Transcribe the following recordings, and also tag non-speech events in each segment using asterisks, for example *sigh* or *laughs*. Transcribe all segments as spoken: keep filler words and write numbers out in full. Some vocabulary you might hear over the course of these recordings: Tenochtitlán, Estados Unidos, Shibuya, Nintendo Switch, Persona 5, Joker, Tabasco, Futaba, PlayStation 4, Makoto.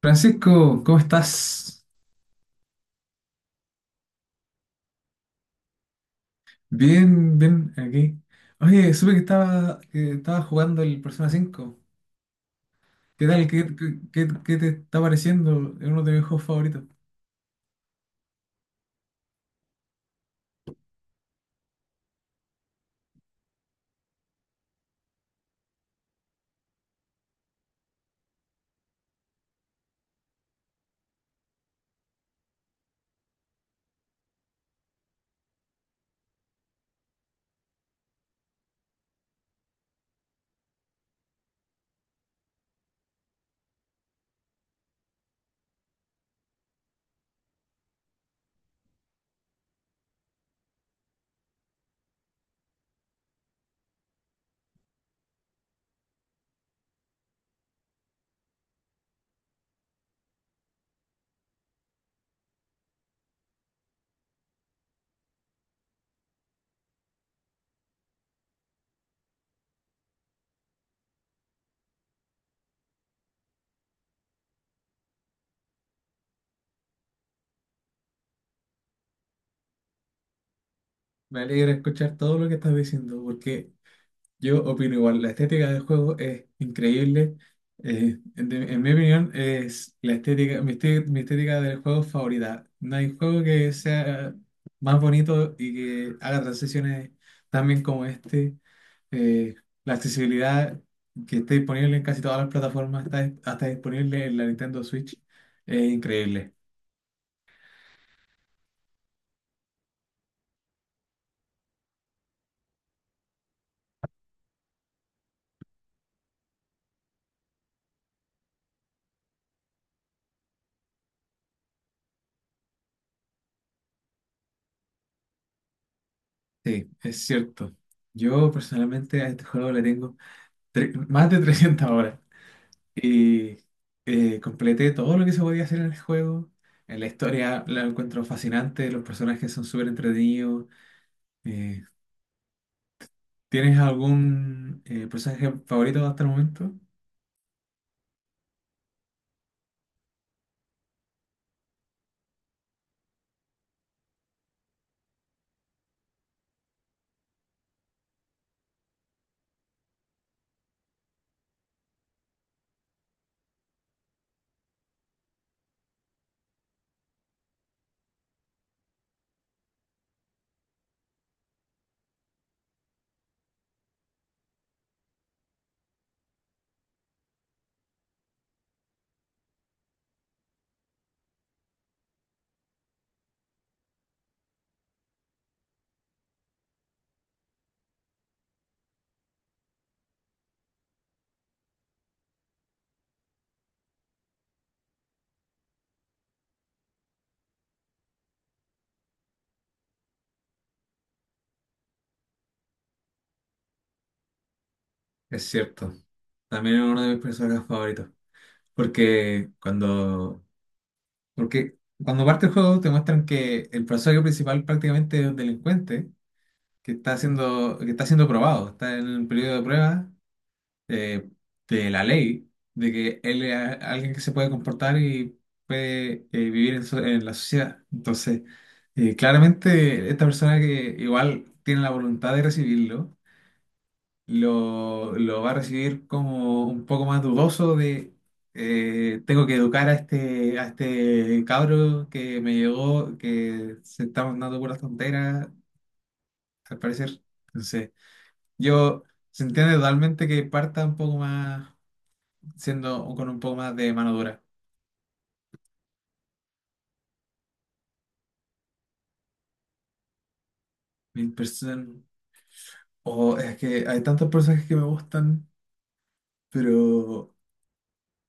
Francisco, ¿cómo estás? Bien, bien, aquí. Oye, supe que estaba, que estaba jugando el Persona cinco. ¿Qué tal? ¿Qué, qué, qué- qué te está pareciendo? Es uno de mis juegos favoritos. Me alegra escuchar todo lo que estás diciendo, porque yo opino igual. La estética del juego es increíble. Eh, en, de- en mi opinión, es la estética, mi, este- mi estética del juego favorita. No hay juego que sea más bonito y que haga transiciones tan bien como este. Eh, la accesibilidad que está disponible en casi todas las plataformas está, está disponible en la Nintendo Switch. Es increíble. Sí, es cierto. Yo personalmente a este juego le tengo tre- más de *laughs* trescientas horas y eh, completé todo lo que se podía hacer en el juego. En la historia la encuentro fascinante, los personajes son súper entretenidos. Eh, ¿Tienes algún eh, personaje favorito hasta el momento? Es cierto, también es uno de mis personajes favoritos. Porque cuando Porque cuando parte el juego te muestran que el personaje principal prácticamente es un delincuente que está siendo, que está siendo, probado, está en el periodo de prueba eh, de la ley, de que él es a- alguien que se puede comportar y puede eh, vivir en, so- en la sociedad. Entonces, eh, claramente esta persona que igual tiene la voluntad de recibirlo, lo, lo va a recibir como un poco más dudoso de eh, tengo que educar a este, a este cabro que me llegó, que se está mandando puras tonteras, al parecer. Entonces, yo se entiende totalmente que parta un poco más, siendo con un poco más de mano dura. Mi person- o es que hay tantos personajes que me gustan, pero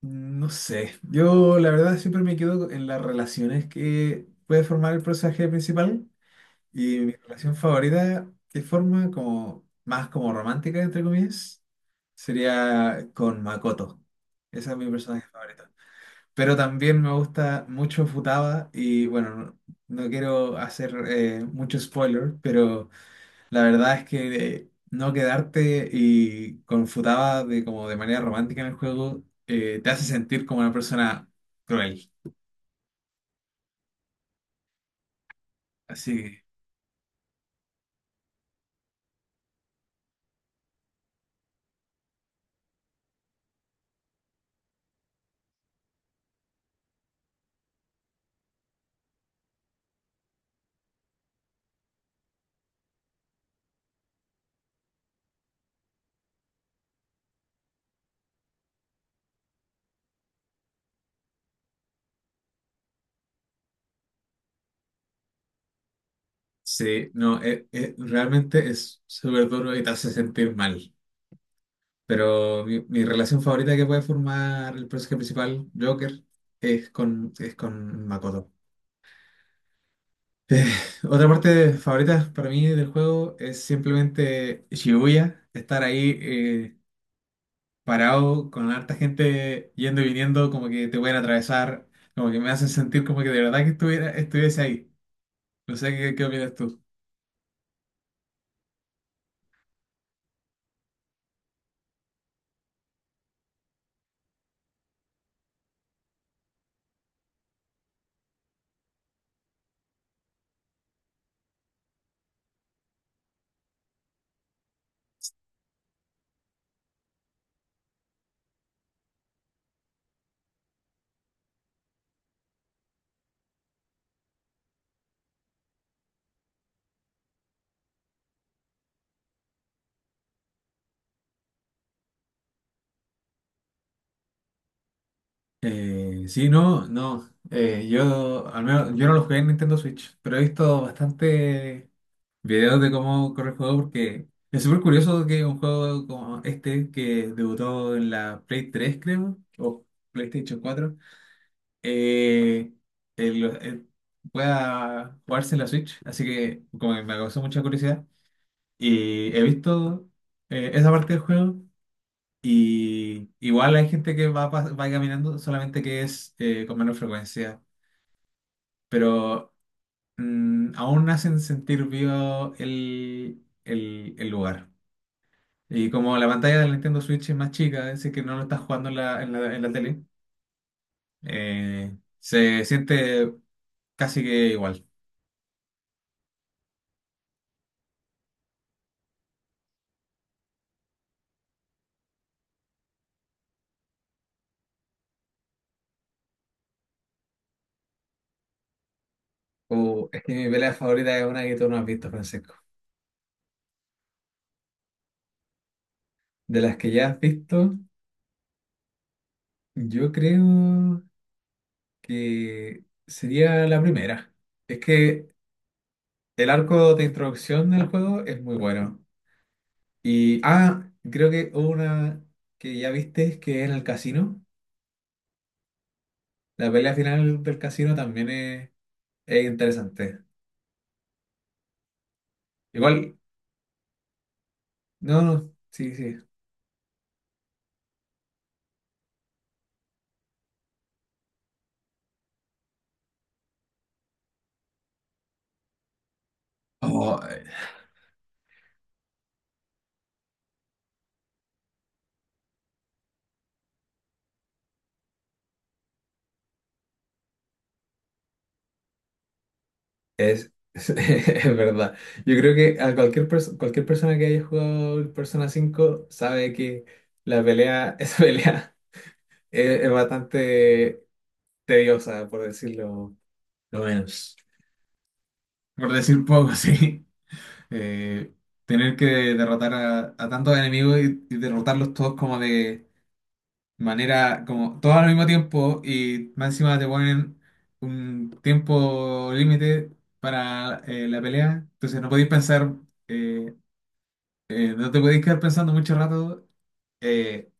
no sé. Yo la verdad siempre me quedo en las relaciones que puede formar el personaje principal. Y mi relación favorita, de forma como más como romántica, entre comillas, sería con Makoto. Esa es mi personaje favorita. Pero también me gusta mucho Futaba y bueno, no, no quiero hacer eh, mucho spoiler, pero la verdad es que eh, no quedarte y con Futaba de, como de manera romántica en el juego eh, te hace sentir como una persona cruel. Así que sí, no, eh, eh, realmente es súper duro y te hace sentir mal. Pero mi, mi relación favorita que puede formar el personaje principal, Joker, es con, es con Makoto. Eh, *laughs* Otra parte favorita para mí del juego es simplemente Shibuya, estar ahí eh, parado con harta gente yendo y viniendo, como que te pueden atravesar, como que me hacen sentir como que de verdad que estuviera, estuviese ahí. No sé qué, qué opinas tú. Eh, sí, no, no. Eh, yo, al menos, yo no lo jugué en Nintendo Switch, pero he visto bastante videos de cómo corre el juego porque es súper curioso que un juego como este que debutó en la Play tres creo, o PlayStation cuatro, eh, el- eh, pueda jugarse en la Switch. Así que como que me causó mucha curiosidad. Y he visto eh, esa parte del juego. Y igual hay gente que va, pas- va caminando, solamente que es eh, con menos frecuencia. Pero mm, aún hacen sentir vivo el, el el lugar. Y como la pantalla del Nintendo Switch es más chica, es decir, que no lo estás jugando en la, en la, en la tele, eh, se siente casi que igual. Uh, es que mi pelea favorita es una que tú no has visto, Francisco. De las que ya has visto, yo creo que sería la primera. Es que el arco de introducción del juego es muy bueno. Y, ah, creo que una que ya viste, que es en el casino. La pelea final del casino también es, es interesante. Igual no, no, sí, sí. Oh, Es, *laughs* es verdad. Yo creo que a cualquier, perso- cualquier persona que haya jugado el Persona cinco sabe que la pelea, *laughs* esa pelea es, es bastante tediosa, por decirlo lo menos. Por decir poco, *laughs* sí. Eh, Tener que derrotar a, a tantos enemigos y, y derrotarlos todos como de, manera como todo al mismo tiempo y más encima te ponen un tiempo límite para eh, la pelea, entonces no podéis pensar, eh, eh, no te podéis quedar pensando mucho rato, eh,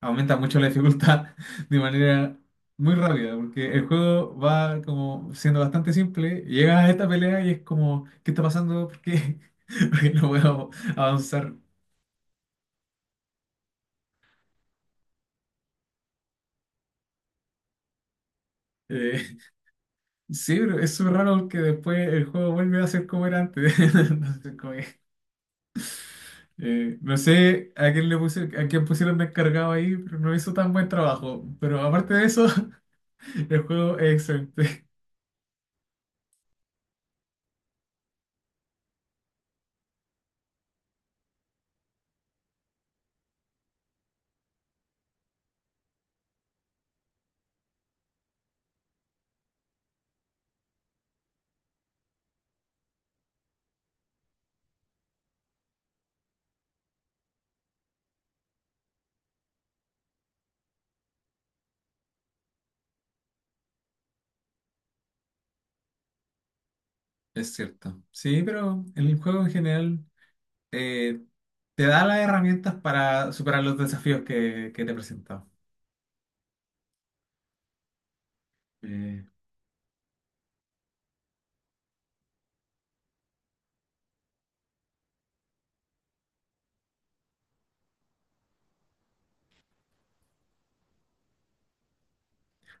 aumenta mucho la dificultad *laughs* de manera muy rápida, porque el juego va como siendo bastante simple, y llegas a esta pelea y es como, ¿qué está pasando? ¿Por qué? *laughs* Porque no puedo avanzar. Eh, Sí, pero es súper raro porque después el juego vuelve a ser como era antes. *laughs* Entonces, como que, eh, no sé a quién le puse, a quién pusieron de encargado ahí, pero no hizo tan buen trabajo. Pero aparte de eso, *laughs* el juego es excelente. Es cierto. Sí, pero el juego en general eh, te da las herramientas para superar los desafíos que, que te he presentado. Eh,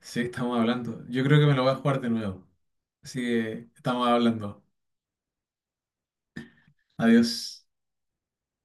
sí, estamos hablando. Yo creo que me lo voy a jugar de nuevo. Así que estamos hablando. Adiós.